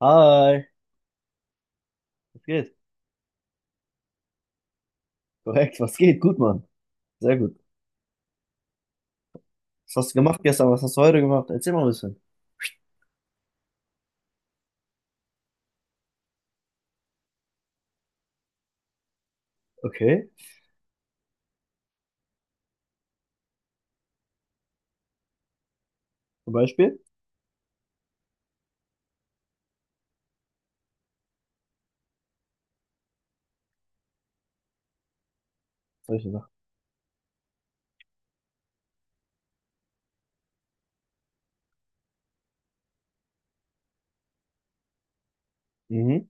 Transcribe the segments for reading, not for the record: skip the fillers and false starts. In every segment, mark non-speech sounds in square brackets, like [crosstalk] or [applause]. Hi, was geht? Korrekt, was geht? Gut, Mann. Sehr gut. Was hast du gemacht? Gestern? Was hast du heute gemacht? Erzähl mal ein bisschen. Okay, zum Beispiel? Solche Sachen. Mhm,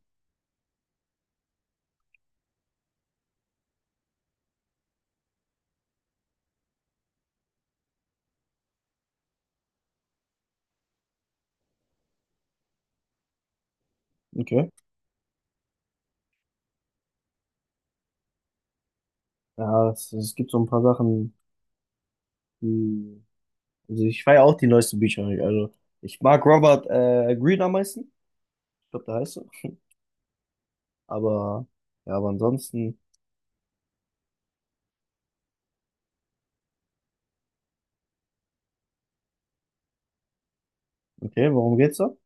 okay. Ja, es gibt so ein paar Sachen, die. Also ich feiere auch die neuesten Bücher. Also ich mag Robert Greene am meisten. Ich glaube, der heißt so. Aber ja, aber ansonsten. Okay, worum geht's da?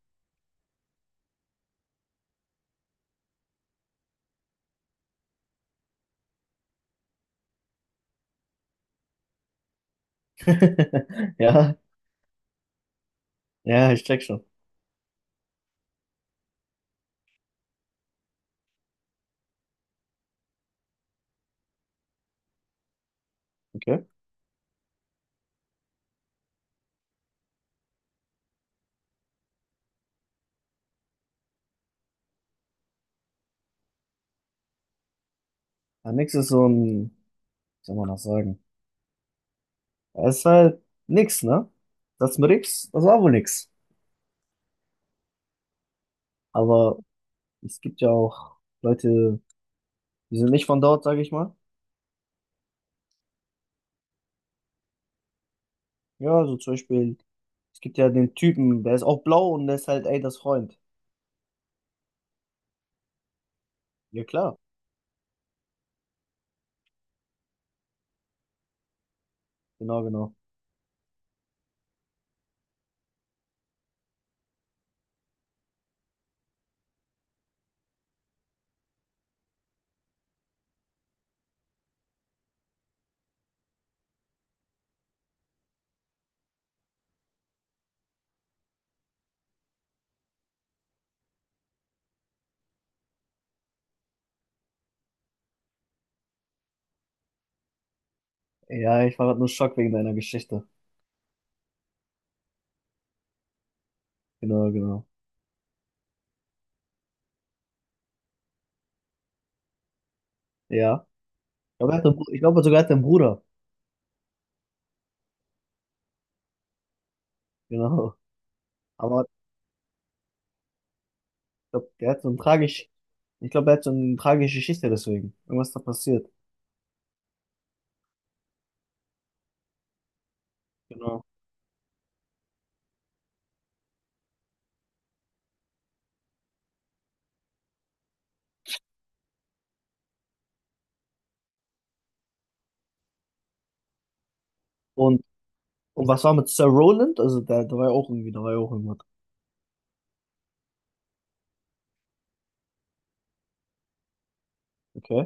[laughs] Ja, ja, ich check schon. Okay. Ja, nix ist so ein, wie soll man das sagen? Er ist halt nix, ne? Das mit X, das war wohl nix. Aber es gibt ja auch Leute, die sind nicht von dort, sage ich mal. Ja, so zum Beispiel, es gibt ja den Typen, der ist auch blau und der ist halt, ey, das Freund. Ja, klar. Genau, genau. Ja, ich war grad nur schock wegen deiner Geschichte. Genau, genau. Ja. Ich glaube, er hat einen Bru- ich glaube sogar, er hat einen Bruder. Genau. Aber ich glaube, der hat so ein tragisch, ich glaube, er hat so eine tragische Geschichte deswegen. Irgendwas da passiert. Genau. Und, und was war mit Sir Roland? Also, der war ja auch irgendwie, da war ja auch irgendwas. Okay.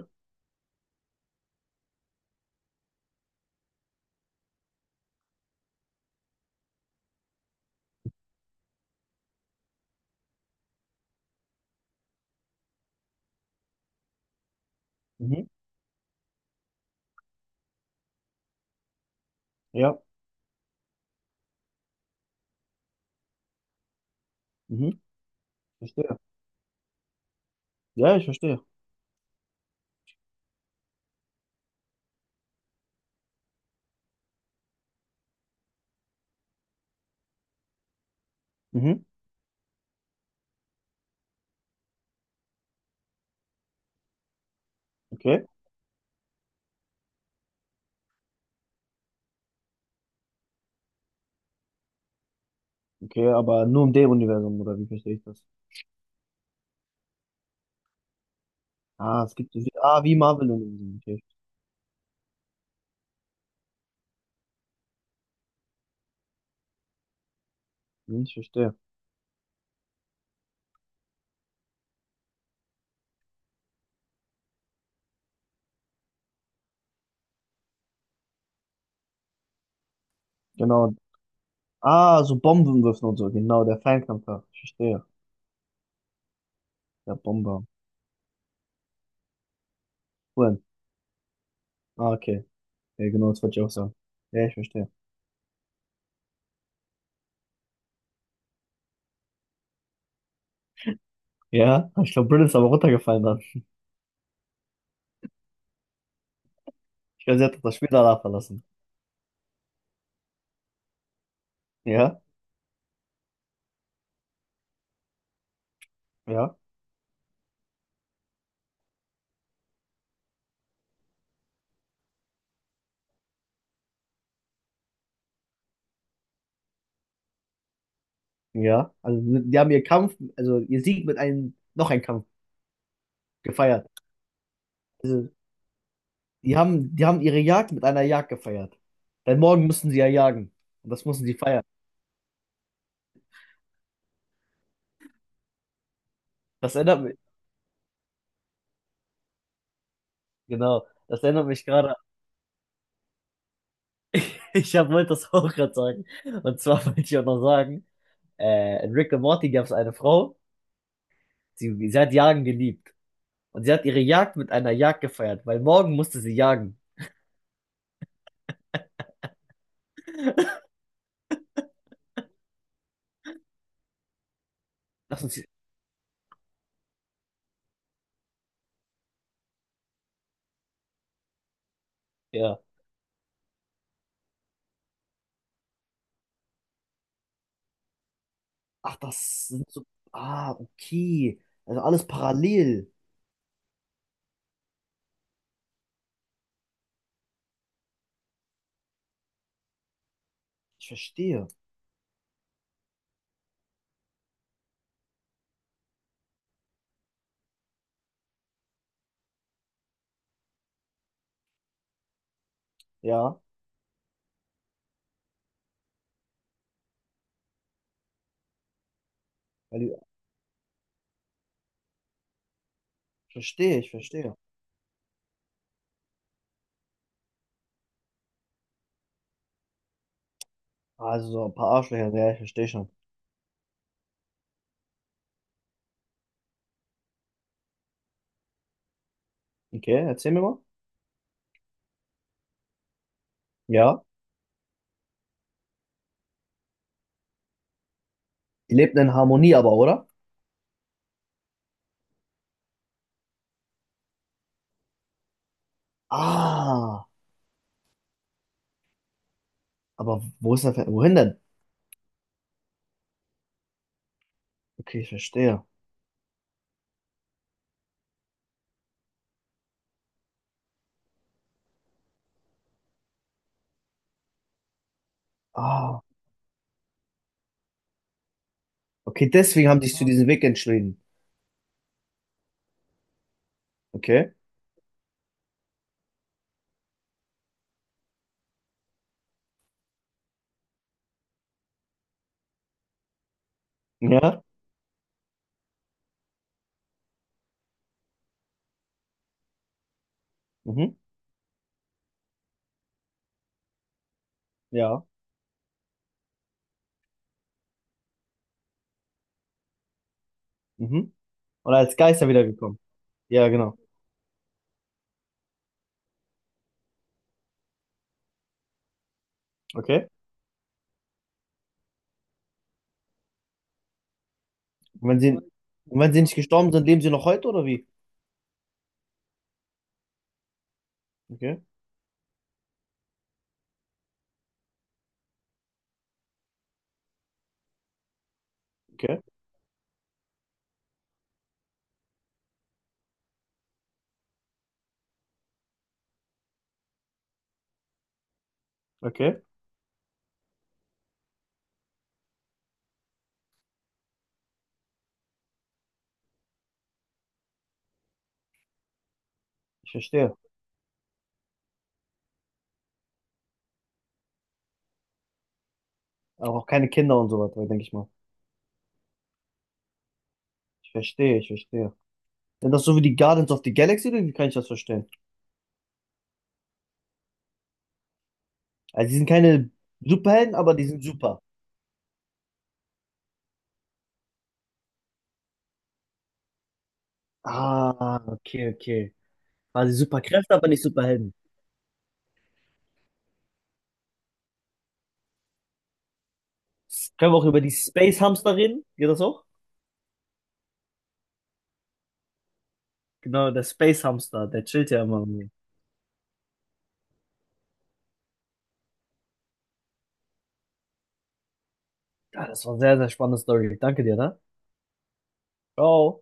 Mhm. Ja. Mhm. Verstehe. Ja, ich verstehe. Mhm, okay, okay, aber nur im Dave-Universum, oder wie verstehe ich das? Ah, es gibt, ah, wie Marvel-Universum, okay. Hm, ich verstehe, genau, ah, so Bombenwürfen und so, genau, der Fernkampfer, ich verstehe, der Bomber, cool, ah, okay, ja, genau, das wollte ich auch sagen, ja, ich verstehe, ja, [laughs] ich glaube, Britt ist aber runtergefallen dann, ich glaube, sie hat das Spiel danach verlassen, ja, ja, ja, also, die haben ihr Kampf, also, ihr Sieg mit einem, noch ein Kampf gefeiert. Die haben ihre Jagd mit einer Jagd gefeiert. Denn morgen müssen sie ja jagen. Und das müssen sie feiern. Das erinnert mich, genau, das erinnert mich gerade. [laughs] Wollte das auch gerade sagen. Und zwar [laughs] wollte ich auch noch sagen, in Rick and Morty gab es eine Frau, sie hat Jagen geliebt. Und sie hat ihre Jagd mit einer Jagd gefeiert, weil morgen musste sie jagen. Lass uns, ja. Ach, das sind so, ah, okay. Also alles parallel. Ich verstehe. Ja, weil die- ich verstehe, ich verstehe. Also so ein paar Arschlöcher, ja, ich verstehe schon. Okay, erzähl mir mal. Ja. Die lebten in Harmonie aber, oder? Ah, aber wo ist wohin denn? Okay, ich verstehe. Ah, okay, deswegen haben die sich zu diesem Weg entschieden. Okay. Ja. Mhm. Ja. Mhm. Und als Geister wiedergekommen. Ja, genau. Okay. Und wenn sie, und wenn sie nicht gestorben sind, leben sie noch heute, oder wie? Okay. Okay. Okay. Ich verstehe. Aber auch keine Kinder und so weiter, denke ich mal. Ich verstehe, ich verstehe. Sind das so wie die Guardians of the Galaxy, oder wie kann ich das verstehen? Also, die sind keine Superhelden, aber die sind super. Ah, okay, okay. Quasi Superkräfte, aber nicht Superhelden. Können wir auch über die Space Hamster reden? Geht das auch? Genau, der Space Hamster, der chillt ja immer mit mir. Ja, das war eine sehr, sehr spannende Story. Danke dir, ne? Ciao.